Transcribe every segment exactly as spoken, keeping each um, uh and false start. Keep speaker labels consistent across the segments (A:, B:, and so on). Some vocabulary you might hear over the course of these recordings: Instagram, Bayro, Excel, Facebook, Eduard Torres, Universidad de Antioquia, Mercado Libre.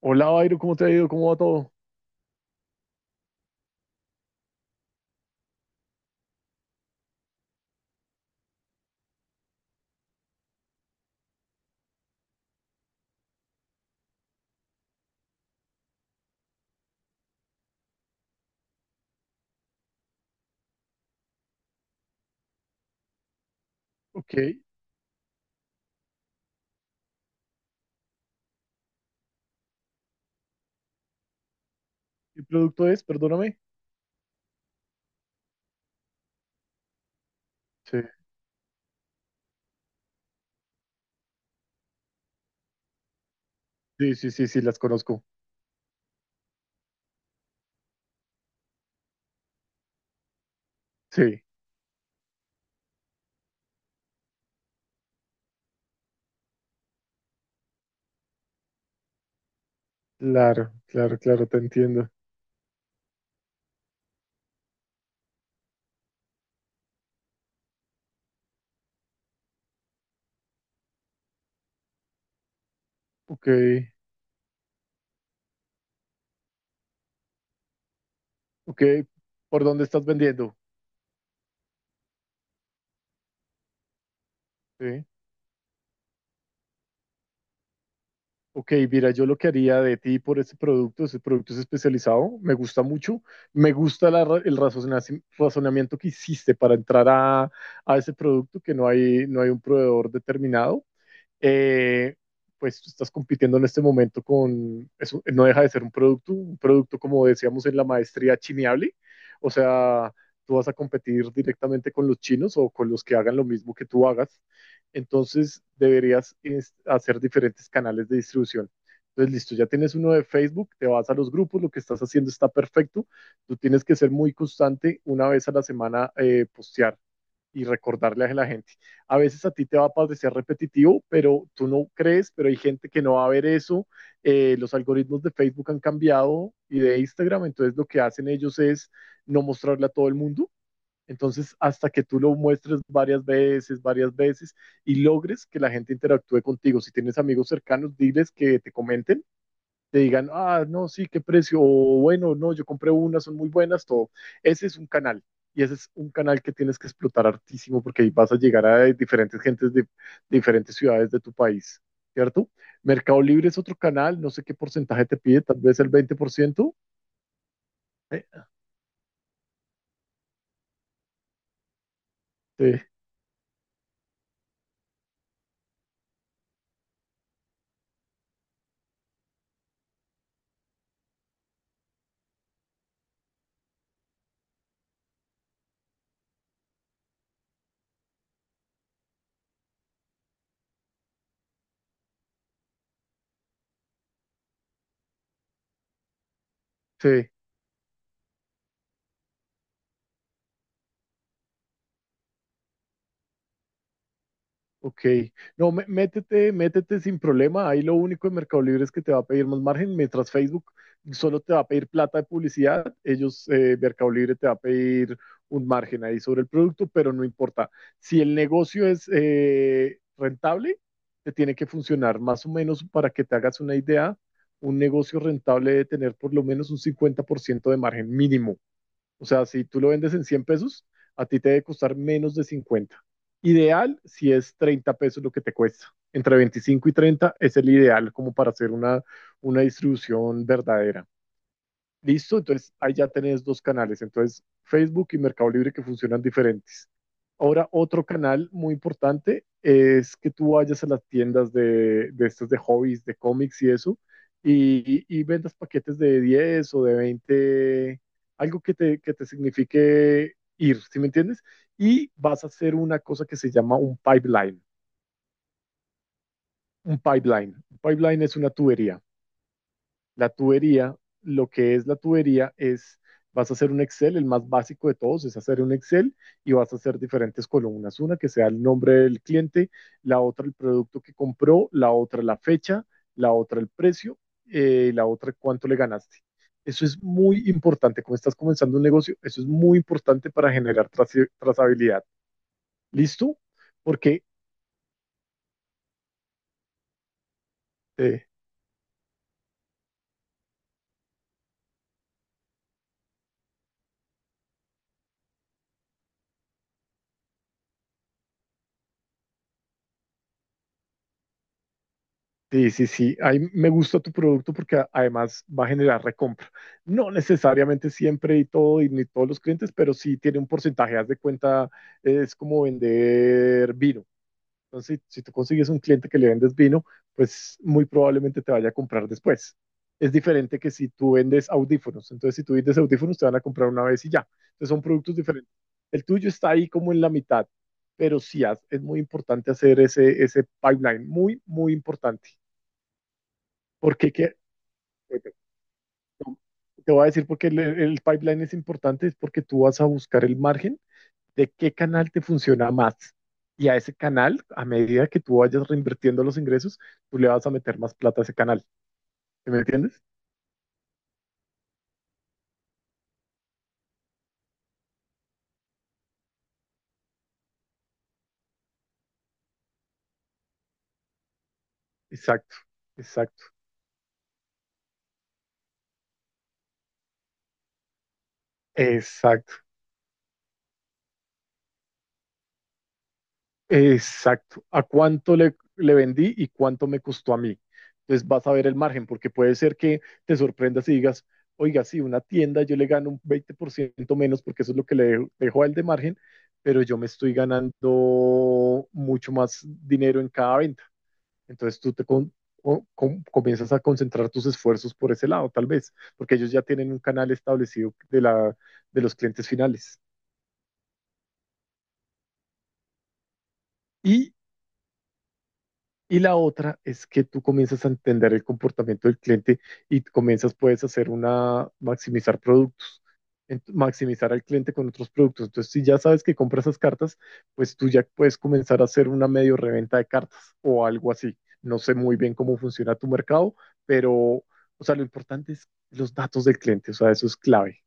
A: Hola, Bayro, ¿cómo te ha ido? ¿Cómo va todo? Ok, ¿qué producto es? Perdóname. Sí, sí, sí, sí, sí, las conozco. Sí, claro, claro, claro, te entiendo. Ok, ok, ¿por dónde estás vendiendo? Sí. Ok, mira, yo lo que haría de ti por ese producto, ese producto es especializado, me gusta mucho, me gusta la ra- el razonaci- razonamiento que hiciste para entrar a, a ese producto, que no hay, no hay un proveedor determinado. eh, pues tú estás compitiendo en este momento con, eso no deja de ser un producto, un producto como decíamos en la maestría chineable, o sea, tú vas a competir directamente con los chinos o con los que hagan lo mismo que tú hagas, entonces deberías es- hacer diferentes canales de distribución. Entonces, listo, ya tienes uno de Facebook, te vas a los grupos, lo que estás haciendo está perfecto. Tú tienes que ser muy constante, una vez a la semana eh, postear y recordarle a la gente. A veces a ti te va a parecer repetitivo, pero tú no crees, pero hay gente que no va a ver eso. Eh, los algoritmos de Facebook han cambiado y de Instagram, entonces lo que hacen ellos es no mostrarle a todo el mundo. Entonces, hasta que tú lo muestres varias veces, varias veces y logres que la gente interactúe contigo. Si tienes amigos cercanos, diles que te comenten te digan, ah, no, sí, qué precio, o bueno, no, yo compré unas son muy buenas, todo. Ese es un canal. Y ese es un canal que tienes que explotar hartísimo porque ahí vas a llegar a diferentes gentes de diferentes ciudades de tu país, ¿cierto? Mercado Libre es otro canal, no sé qué porcentaje te pide, tal vez el veinte por ciento. Eh, Sí, sí. Ok, no, mé- métete, métete sin problema. Ahí lo único de Mercado Libre es que te va a pedir más margen, mientras Facebook solo te va a pedir plata de publicidad. Ellos, eh, Mercado Libre te va a pedir un margen ahí sobre el producto, pero no importa. Si el negocio es eh, rentable, te tiene que funcionar más o menos para que te hagas una idea. Un negocio rentable debe tener por lo menos un cincuenta por ciento de margen mínimo. O sea, si tú lo vendes en cien pesos, a ti te debe costar menos de cincuenta. Ideal si es treinta pesos lo que te cuesta. Entre veinticinco y treinta es el ideal como para hacer una, una distribución verdadera. Listo, entonces ahí ya tenés dos canales, entonces Facebook y Mercado Libre que funcionan diferentes. Ahora, otro canal muy importante es que tú vayas a las tiendas de, de estas de hobbies, de cómics y eso, y, y- y vendas paquetes de diez o de veinte, algo que te, que te signifique ir, ¿sí me entiendes? Y vas a hacer una cosa que se llama un pipeline. Un pipeline. Un pipeline es una tubería. La tubería, lo que es la tubería es, vas a hacer un Excel, el más básico de todos es hacer un Excel y vas a hacer diferentes columnas, una que sea el nombre del cliente, la otra el producto que compró, la otra la fecha, la otra el precio, eh, la otra cuánto le ganaste. Eso es muy importante. Como estás comenzando un negocio, eso es muy importante para generar traci- trazabilidad. ¿Listo? Porque eh, Sí, sí, sí. Ahí me gusta tu producto porque a- además va a generar recompra. No necesariamente siempre y todo, y ni todos los clientes, pero sí tiene un porcentaje. Haz de cuenta, es como vender vino. Entonces, si, si tú consigues un cliente que le vendes vino, pues muy probablemente te vaya a comprar después. Es diferente que si tú vendes audífonos. Entonces, si tú vendes audífonos, te van a comprar una vez y ya. Entonces, son productos diferentes. El tuyo está ahí como en la mitad, pero sí haz- es muy importante hacer ese, ese pipeline. Muy, muy importante. Porque que, te voy a decir por qué el, el pipeline es importante, es porque tú vas a buscar el margen de qué canal te funciona más. Y a ese canal, a medida que tú vayas reinvirtiendo los ingresos, tú le vas a meter más plata a ese canal. ¿Sí? ¿Me entiendes? Exacto, exacto, exacto. Exacto. ¿A cuánto le, le vendí y cuánto me costó a mí? Entonces vas a ver el margen, porque puede ser que te sorprendas y digas, oiga, sí, una tienda yo le gano un veinte por ciento menos porque eso es lo que le dejo, dejo a él de margen, pero yo me estoy ganando mucho más dinero en cada venta. Entonces tú te con- o- com- comienzas a concentrar tus esfuerzos por ese lado, tal vez, porque ellos ya tienen un canal establecido de la, de los clientes finales. Y Y la otra es que tú comienzas a entender el comportamiento del cliente y comienzas, puedes hacer una, maximizar productos, en- maximizar al cliente con otros productos. Entonces, si ya sabes que compras esas cartas, pues tú ya puedes comenzar a hacer una medio reventa de cartas o algo así. No sé muy bien cómo funciona tu mercado, pero, o sea, lo importante es los datos del cliente, o sea, eso es clave.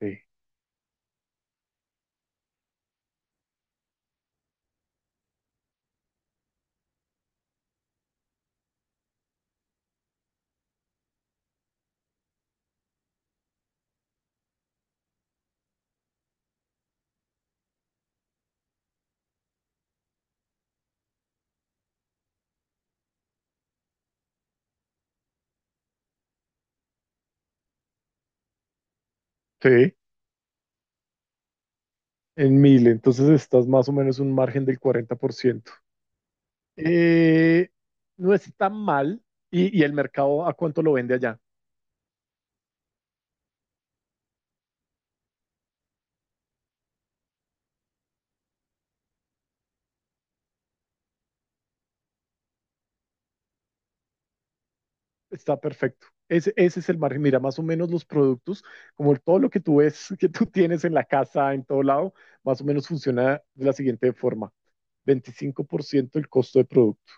A: Sí. Sí, en mil, entonces estás más o menos un margen del cuarenta por ciento. Eh, no es tan mal y, y el mercado a cuánto lo vende allá. Está perfecto. Ese, ese es el margen. Mira, más o menos los productos, como todo lo que tú ves, que tú tienes en la casa, en todo lado, más o menos funciona de la siguiente forma. Veinticinco por ciento el costo de producto.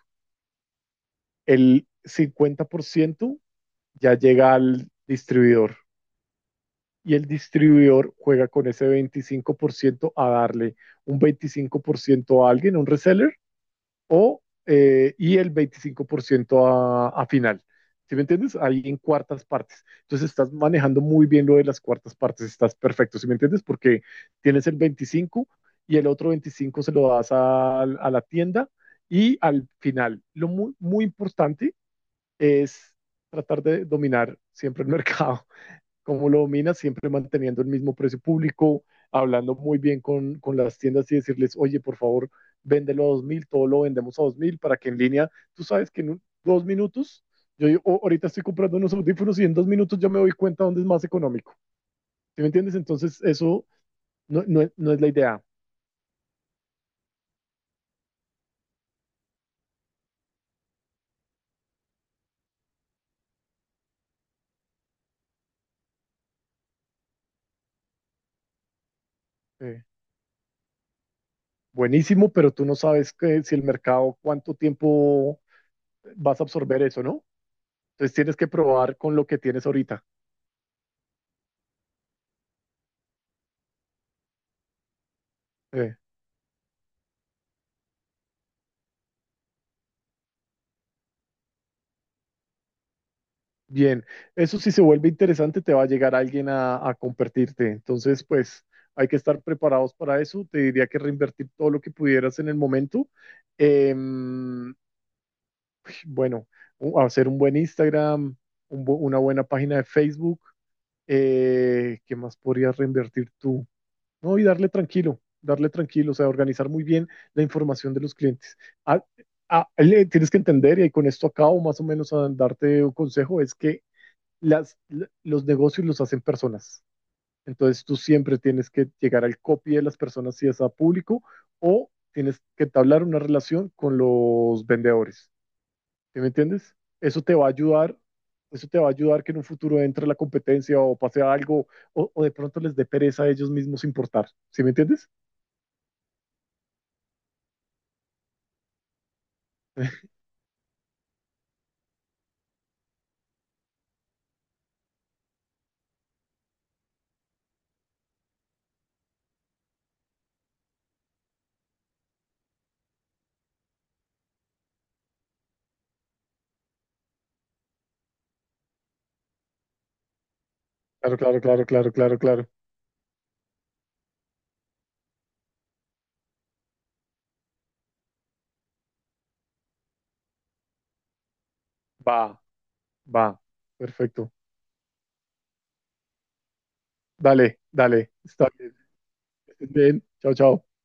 A: El cincuenta por ciento ya llega al distribuidor y el distribuidor juega con ese veinticinco por ciento a darle un veinticinco por ciento a alguien, a un reseller, o, eh, y el veinticinco por ciento a, a final. ¿Sí me entiendes? Ahí en cuartas partes. Entonces estás manejando muy bien lo de las cuartas partes, estás perfecto, ¿sí me entiendes? Porque tienes el veinticinco y el otro veinticinco se lo das a, a la tienda y al final. Lo muy, muy importante es tratar de dominar siempre el mercado cómo lo domina, siempre manteniendo el mismo precio público, hablando muy bien con, con las tiendas y decirles, oye, por favor, véndelo a dos mil, todo lo vendemos a dos mil, para que en línea, tú sabes que en un, dos minutos, yo oh, ahorita estoy comprando unos audífonos y en dos minutos ya me doy cuenta dónde es más económico. ¿Sí me entiendes? Entonces, eso no, no, no es la idea. Eh, Buenísimo, pero tú no sabes que, si el mercado, cuánto tiempo vas a absorber eso, ¿no? Entonces tienes que probar con lo que tienes ahorita. Sí. Bien, eso si se vuelve interesante, te va a llegar alguien a, a compartirte. Entonces, pues hay que estar preparados para eso. Te diría que reinvertir todo lo que pudieras en el momento. Em, bueno, u- hacer un buen Instagram, un bu- una buena página de Facebook. Eh, ¿qué más podrías reinvertir tú? No, y darle tranquilo, darle tranquilo, o sea, organizar muy bien la información de los clientes. Ah, ah, le- tienes que entender, y con esto acabo más o menos a darte un consejo, es que las, l- los negocios los hacen personas. Entonces tú siempre tienes que llegar al copy de las personas si es a público o tienes que entablar una relación con los vendedores. ¿Sí me entiendes? Eso te va a ayudar, eso te va a ayudar que en un futuro entre la competencia o pase algo o, o de pronto les dé pereza a ellos mismos importar. ¿Sí me entiendes? Claro, claro, claro, claro, claro, claro. Va, va. Perfecto. Dale, dale. Está bien. Bien. Chao, chao.